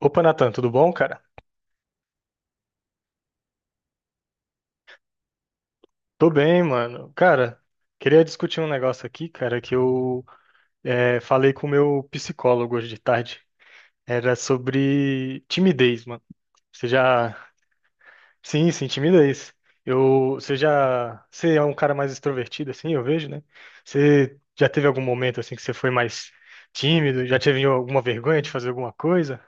Opa, Natan, tudo bom, cara? Tô bem, mano. Cara, queria discutir um negócio aqui, cara, falei com o meu psicólogo hoje de tarde. Era sobre timidez, mano. Você já. Sim, sim, timidez. Você já. Você é um cara mais extrovertido, assim, eu vejo, né? Você já teve algum momento, assim, que você foi mais tímido? Já teve alguma vergonha de fazer alguma coisa?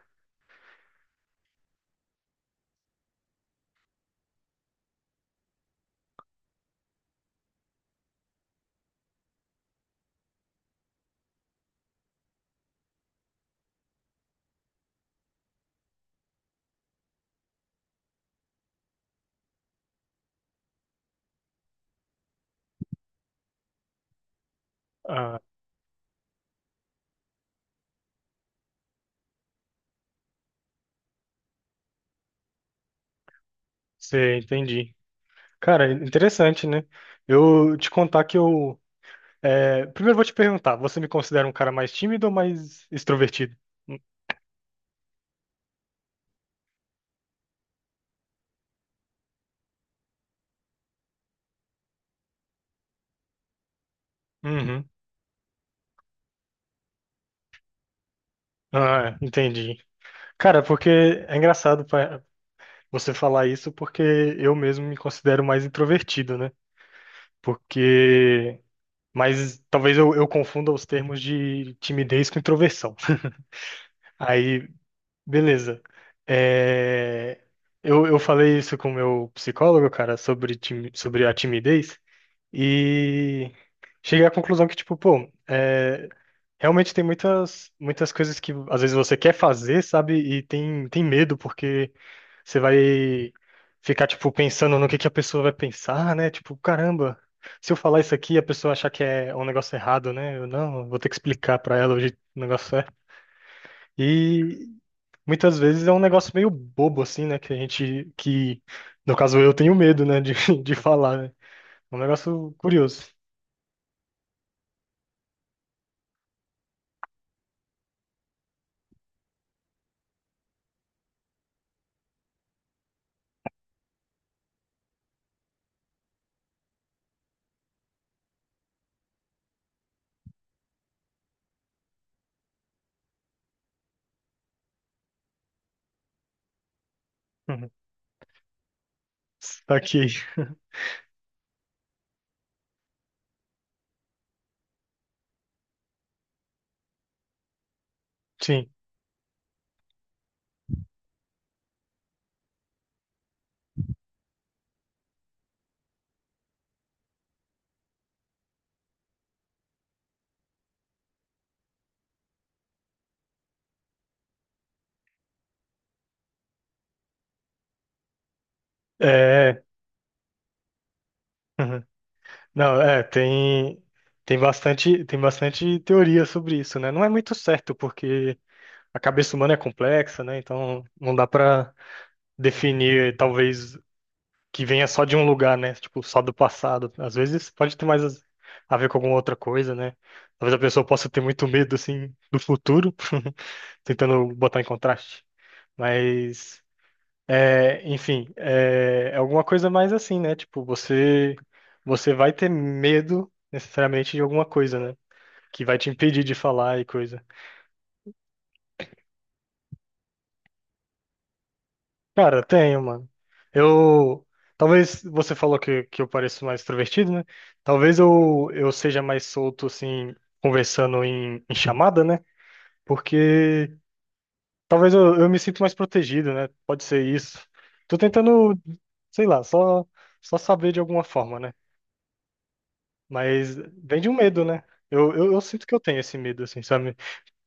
Ah, você entendi. Cara, interessante, né? Eu te contar que eu. É, primeiro eu vou te perguntar, você me considera um cara mais tímido ou mais extrovertido? Uhum. Ah, é, entendi. Cara, porque é engraçado você falar isso, porque eu mesmo me considero mais introvertido, né? Porque. Mas talvez eu confunda os termos de timidez com introversão. Aí, beleza. É, eu falei isso com o meu psicólogo, cara, sobre, sobre a timidez, e cheguei à conclusão que, tipo, pô, é, realmente tem muitas, muitas coisas que às vezes você quer fazer, sabe? E tem, tem medo, porque você vai ficar, tipo, pensando no que a pessoa vai pensar, né? Tipo, caramba, se eu falar isso aqui, a pessoa achar que é um negócio errado, né? Eu não, vou ter que explicar pra ela hoje o negócio é. E muitas vezes é um negócio meio bobo, assim, né? Que a gente, que, no caso, eu tenho medo, né? De, de falar, né? É um negócio curioso. Uhum. Tá aqui. Sim. É. Uhum. Não, é, tem, tem bastante teoria sobre isso, né? Não é muito certo, porque a cabeça humana é complexa, né? Então não dá pra definir, talvez, que venha só de um lugar, né? Tipo, só do passado. Às vezes pode ter mais a ver com alguma outra coisa, né? Talvez a pessoa possa ter muito medo, assim, do futuro, tentando botar em contraste. Mas. É, enfim, é, é alguma coisa mais assim, né? Tipo, você vai ter medo necessariamente de alguma coisa, né? Que vai te impedir de falar e coisa. Cara, tenho, mano. Eu talvez você falou que, eu pareço mais extrovertido, né? Talvez eu seja mais solto assim conversando em, em chamada, né? Porque talvez eu me sinto mais protegido, né? Pode ser isso. Tô tentando, sei lá, só saber de alguma forma, né? Mas vem de um medo, né? Eu sinto que eu tenho esse medo, assim, sabe?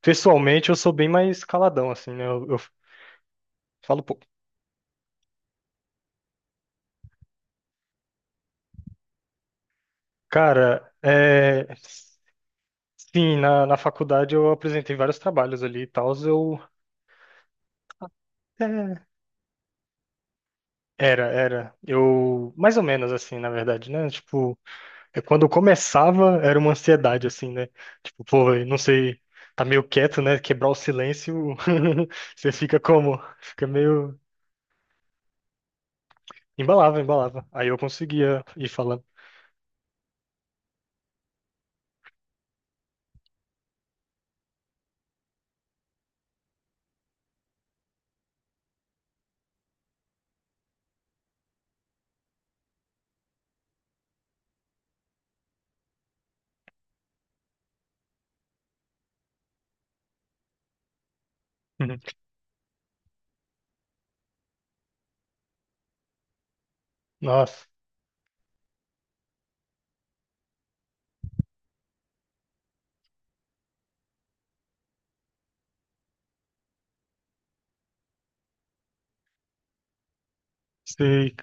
Pessoalmente, eu sou bem mais caladão, assim, né? Eu falo, pô, cara, é... Sim, na faculdade eu apresentei vários trabalhos ali e tal, eu... É, era, era. Eu... Mais ou menos, assim, na verdade, né? Tipo, é quando eu começava, era uma ansiedade, assim, né? Tipo, pô, eu não sei... Tá meio quieto, né? Quebrar o silêncio, você fica como? Fica meio... Embalava, embalava. Aí eu conseguia ir falando. Uhum. Nossa, sei.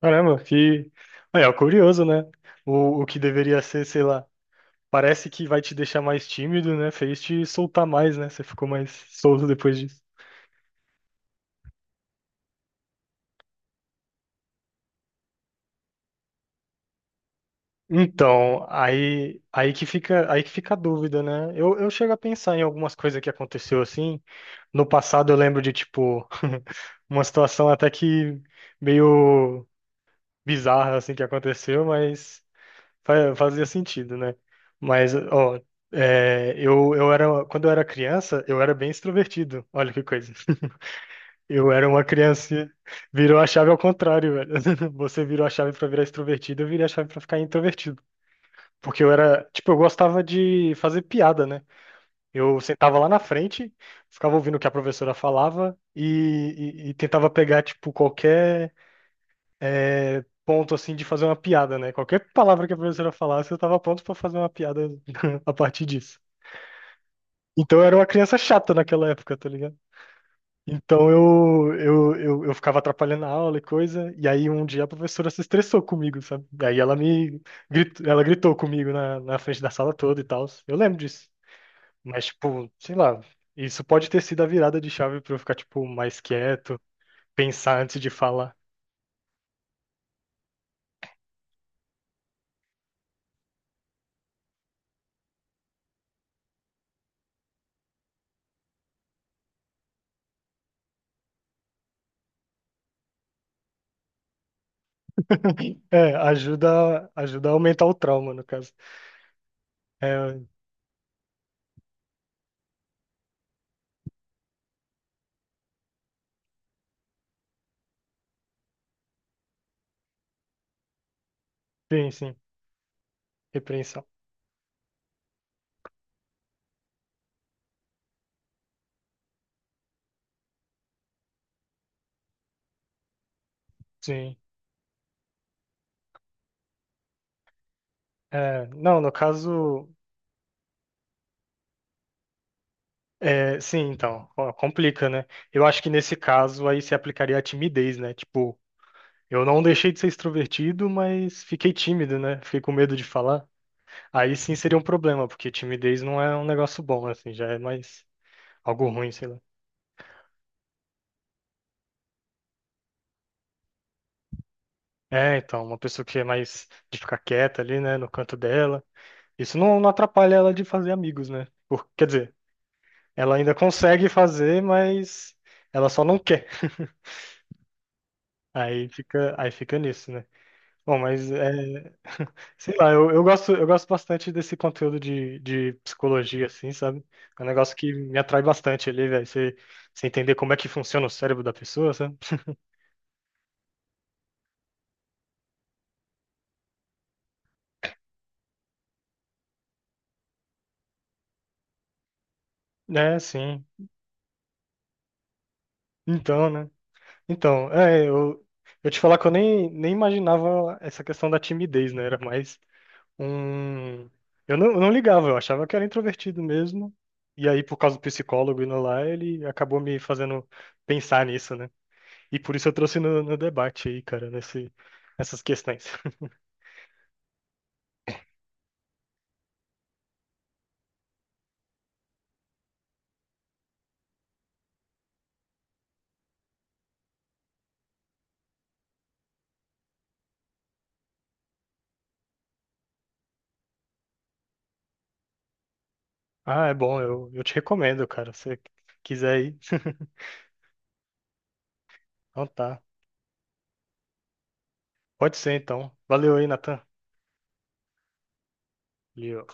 Caramba, que. É, é curioso, né? O que deveria ser, sei lá, parece que vai te deixar mais tímido, né? Fez te soltar mais, né? Você ficou mais solto depois disso. Então, aí, aí que fica a dúvida, né? Eu chego a pensar em algumas coisas que aconteceu assim. No passado eu lembro de, tipo, uma situação até que meio bizarra assim que aconteceu, mas. Fazia sentido, né? Mas, ó, é, eu era, quando eu era criança, eu era bem extrovertido. Olha que coisa. Eu era uma criança, virou a chave ao contrário, velho. Você virou a chave pra virar extrovertido, eu virei a chave pra ficar introvertido. Porque eu era, tipo, eu gostava de fazer piada, né? Eu sentava lá na frente, ficava ouvindo o que a professora falava e tentava pegar, tipo, qualquer é, ponto assim de fazer uma piada, né? Qualquer palavra que a professora falasse, eu tava pronto pra fazer uma piada a partir disso. Então eu era uma criança chata naquela época, tá ligado? Então eu ficava atrapalhando a aula e coisa, e aí um dia a professora se estressou comigo, sabe? E aí ela me gritou, ela gritou comigo na, na frente da sala toda e tal. Eu lembro disso. Mas, tipo, sei lá, isso pode ter sido a virada de chave pra eu ficar, tipo, mais quieto, pensar antes de falar. É, ajuda, ajuda a aumentar o trauma, no caso. É, sim, sim, repreensão. Sim. É, não, no caso, é, sim, então, ó, complica, né? Eu acho que nesse caso aí se aplicaria a timidez, né? Tipo, eu não deixei de ser extrovertido, mas fiquei tímido, né? Fiquei com medo de falar. Aí sim seria um problema, porque timidez não é um negócio bom, assim, já é mais algo ruim, sei lá. É, então, uma pessoa que é mais de ficar quieta ali, né, no canto dela, isso não, não atrapalha ela de fazer amigos, né? Por, quer dizer, ela ainda consegue fazer, mas ela só não quer. Aí fica nisso, né? Bom, mas é, sei lá, eu gosto, eu gosto bastante desse conteúdo de psicologia, assim, sabe? É um negócio que me atrai bastante ali, velho. Você, você entender como é que funciona o cérebro da pessoa, sabe? É, sim. Então, né? Então, é, eu te falar que eu nem, nem imaginava essa questão da timidez, né? Era mais um eu não ligava, eu achava que era introvertido mesmo. E aí, por causa do psicólogo indo lá, ele acabou me fazendo pensar nisso, né? E por isso eu trouxe no, no debate aí, cara, nesse, nessas questões. Ah, é bom, eu te recomendo, cara, se você quiser ir. Então tá. Pode ser, então. Valeu aí, Natan. Valeu.